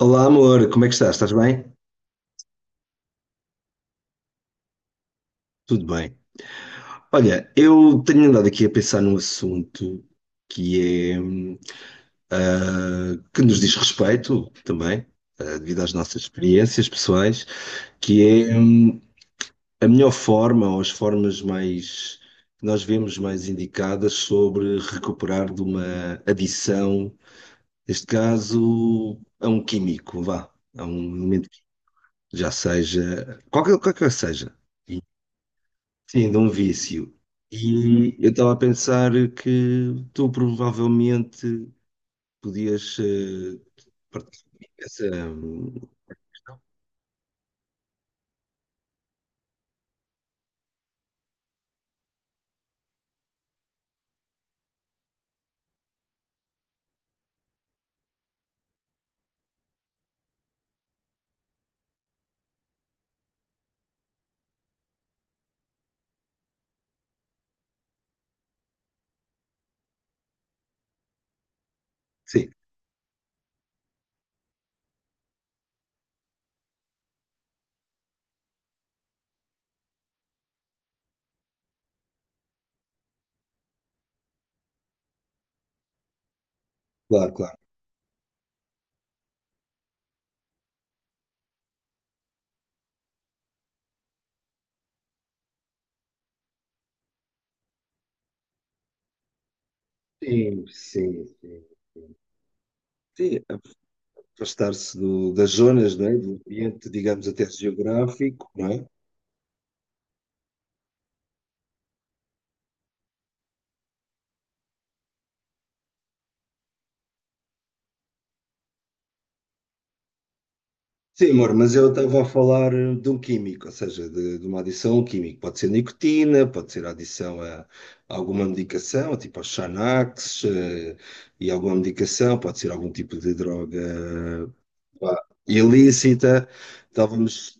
Olá, amor, como é que estás? Estás bem? Tudo bem. Olha, eu tenho andado aqui a pensar num assunto que é, que nos diz respeito também, devido às nossas experiências pessoais, que é, a melhor forma ou as formas mais que nós vemos mais indicadas sobre recuperar de uma adição, neste caso, a um químico, vá, a um elemento que já seja, qualquer que seja. Sim, de um vício. E eu estava a pensar que tu provavelmente podias partilhar essa questão. Sim, claro, claro. Sim, sim, sim. Sim, afastar-se do- das zonas, não é? Do ambiente, digamos, até geográfico, não é? Sim, amor, mas eu estava a falar de um químico, ou seja, de uma adição a um químico. Pode ser nicotina, pode ser adição a alguma medicação, tipo aos Xanax, e alguma medicação, pode ser algum tipo de droga pá, ilícita. Estávamos.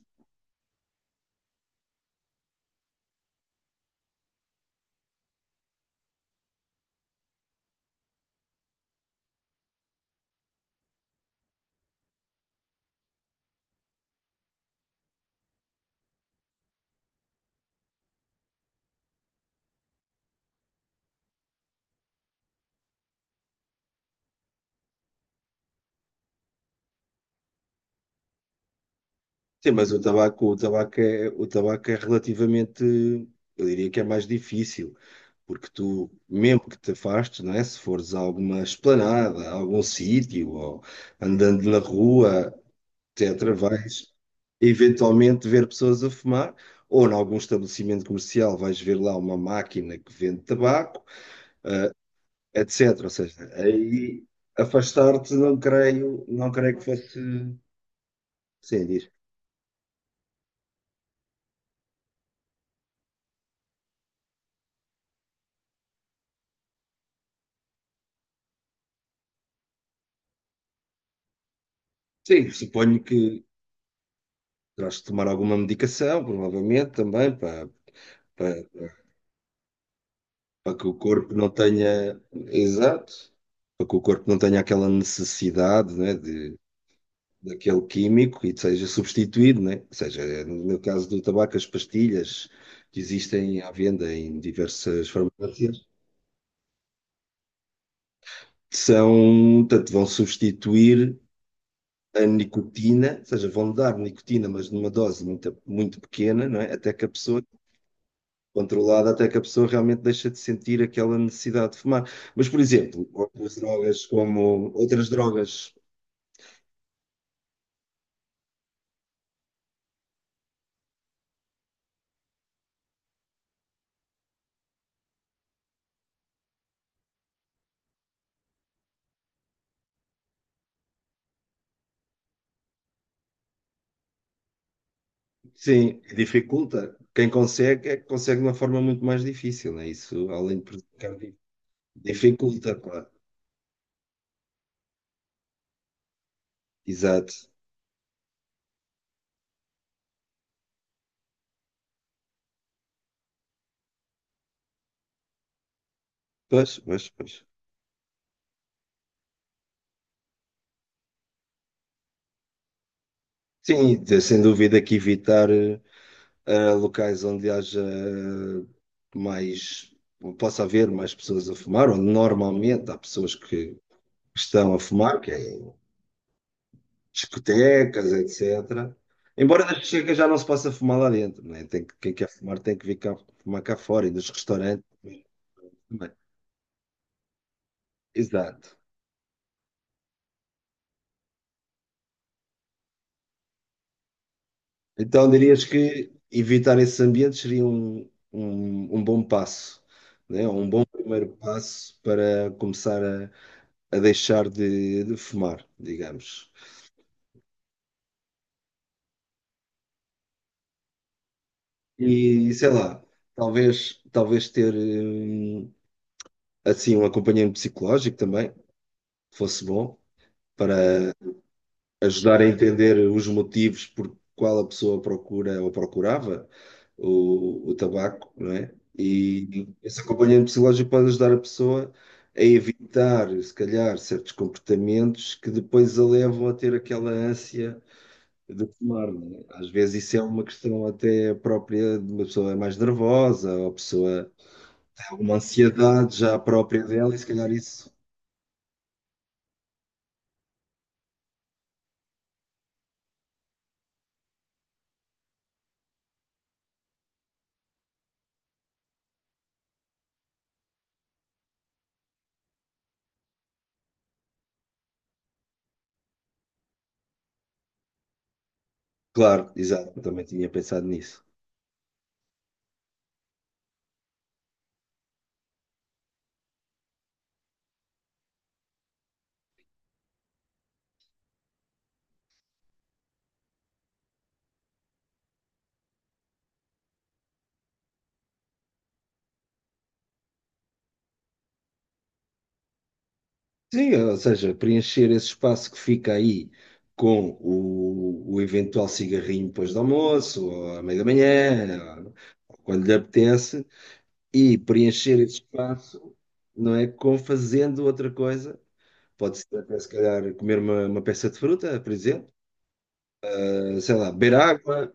Sim, mas o tabaco, o tabaco é relativamente, eu diria que é mais difícil, porque tu, mesmo que te afastes, não é? Se fores a alguma esplanada, a algum sítio, ou andando na rua, etc., vais eventualmente ver pessoas a fumar, ou em algum estabelecimento comercial vais ver lá uma máquina que vende tabaco, etc. Ou seja, aí afastar-te não creio, não creio que fosse. Sim, diz. Sim, suponho que terás de tomar alguma medicação, provavelmente também, para, para que o corpo não tenha. Exato. Para que o corpo não tenha aquela necessidade, né, de daquele químico e seja substituído, né? Ou seja, no meu caso do tabaco, as pastilhas que existem à venda em diversas farmácias são, portanto, vão substituir a nicotina, ou seja, vão dar nicotina, mas numa dose muito, muito pequena, não é? Até que a pessoa, controlada, até que a pessoa realmente deixa de sentir aquela necessidade de fumar. Mas, por exemplo, outras drogas. Sim, dificulta. Quem consegue, é que consegue de uma forma muito mais difícil, não é isso? Além de prejudicar, dificulta, pá. Exato. Pois, pois, pois. Sim, de- sem dúvida que evitar locais onde haja mais, possa haver mais pessoas a fumar, onde normalmente há pessoas que estão a fumar, que é em discotecas, etc. Embora nas discotecas já não se possa fumar lá dentro, não é? Tem que, quem quer fumar tem que vir cá, fumar cá fora e nos restaurantes também. Exato. Então dirias que evitar esses ambientes seria um bom passo, né? Um bom primeiro passo para começar a deixar de fumar, digamos. E sei lá, talvez ter assim um acompanhamento psicológico também fosse bom para ajudar a entender os motivos por qual a pessoa procura ou procurava o tabaco, não é? E esse acompanhamento psicológico pode ajudar a pessoa a evitar, se calhar, certos comportamentos que depois a levam a ter aquela ânsia de fumar, não é? Às vezes isso é uma questão até própria de uma pessoa mais nervosa, ou a pessoa tem alguma ansiedade já própria dela, e se calhar isso. Claro, exato, também tinha pensado nisso. Sim, ou seja, preencher esse espaço que fica aí com o eventual cigarrinho depois do almoço, ou à meia da manhã, ou quando lhe apetece, e preencher esse espaço, não é? Com fazendo outra coisa. Pode ser até, se calhar, comer uma peça de fruta, por exemplo. Sei lá, beber água,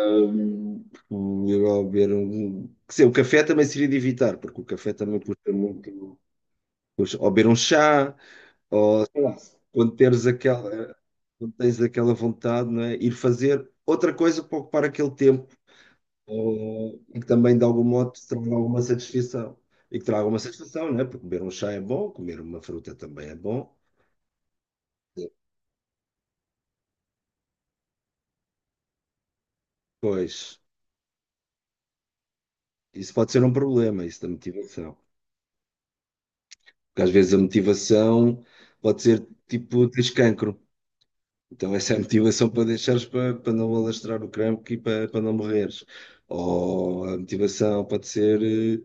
ou beber um. Quer dizer, o café também seria de evitar, porque o café também custa muito. Custa, ou beber um chá. Claro. Quando teres aquela, quando tens aquela vontade, não é? Ir fazer outra coisa para ocupar aquele tempo, ou- e que também de algum modo te traga alguma satisfação. E que traga alguma satisfação, não é? Porque comer um chá é bom, comer uma fruta também é bom. Pois, isso pode ser um problema, isso da motivação. Porque às vezes a motivação pode ser tipo, tens cancro. Então essa é a motivação para deixares para não alastrar o crampo e para não morreres. Ou a motivação pode ser eh,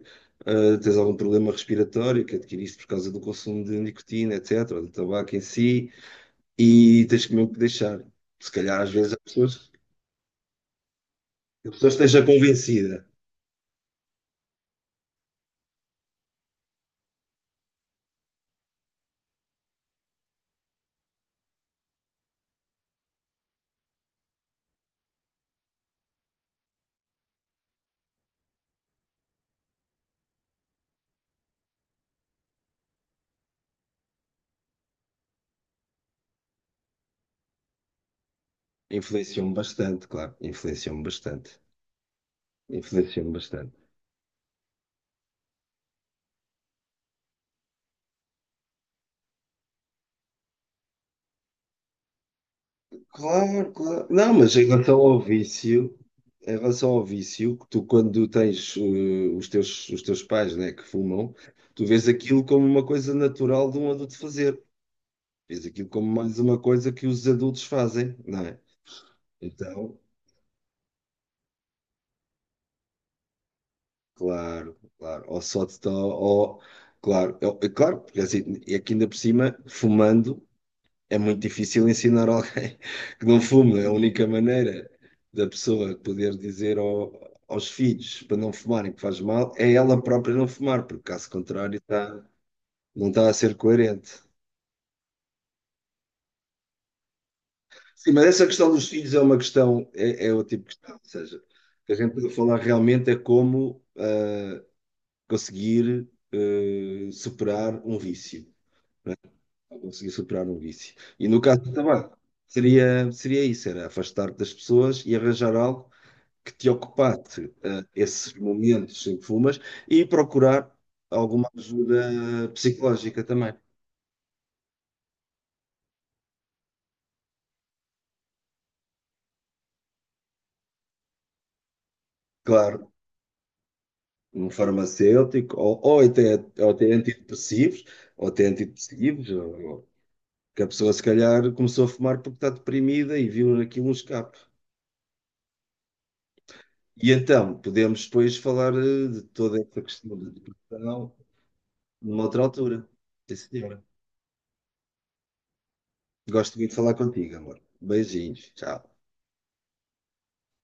eh, tens algum problema respiratório que adquiriste por causa do consumo de nicotina, etc., ou do tabaco em si, e tens que mesmo que deixar. Se calhar às vezes as pessoas, a pessoa esteja convencida. Influenciou-me bastante, claro. Influenciou-me bastante. Influenciou-me bastante. Claro, claro. Não, mas em relação ao vício, em relação ao vício, que tu quando tens os teus pais, né, que fumam, tu vês aquilo como uma coisa natural de um adulto fazer. Vês aquilo como mais uma coisa que os adultos fazem, não é? Então, claro, claro. Ou só te dá, ou, claro, é, é claro, porque assim, é que ainda por cima, fumando, é muito difícil ensinar alguém que não fume. É a única maneira da pessoa poder dizer ao- aos filhos para não fumarem que faz mal é ela própria não fumar, porque caso contrário está- não está a ser coerente. Sim, mas essa questão dos filhos é uma questão, é o tipo de questão, ou seja, o que a gente pode falar realmente é como ah, conseguir ah, superar um vício, né? Conseguir superar um vício. E no caso do tabaco, seria isso, era afastar-te das pessoas e arranjar algo que te ocupasse esses momentos em que fumas e procurar alguma ajuda psicológica também. Claro, um farmacêutico, ou até antidepressivos, ou até antidepressivos, ou- ou- que a pessoa se calhar começou a fumar porque está deprimida e viu aquilo um escape. E então, podemos depois falar de toda esta questão de depressão numa outra altura. Sim, senhora. Gosto muito de falar contigo, amor. Beijinhos. Tchau.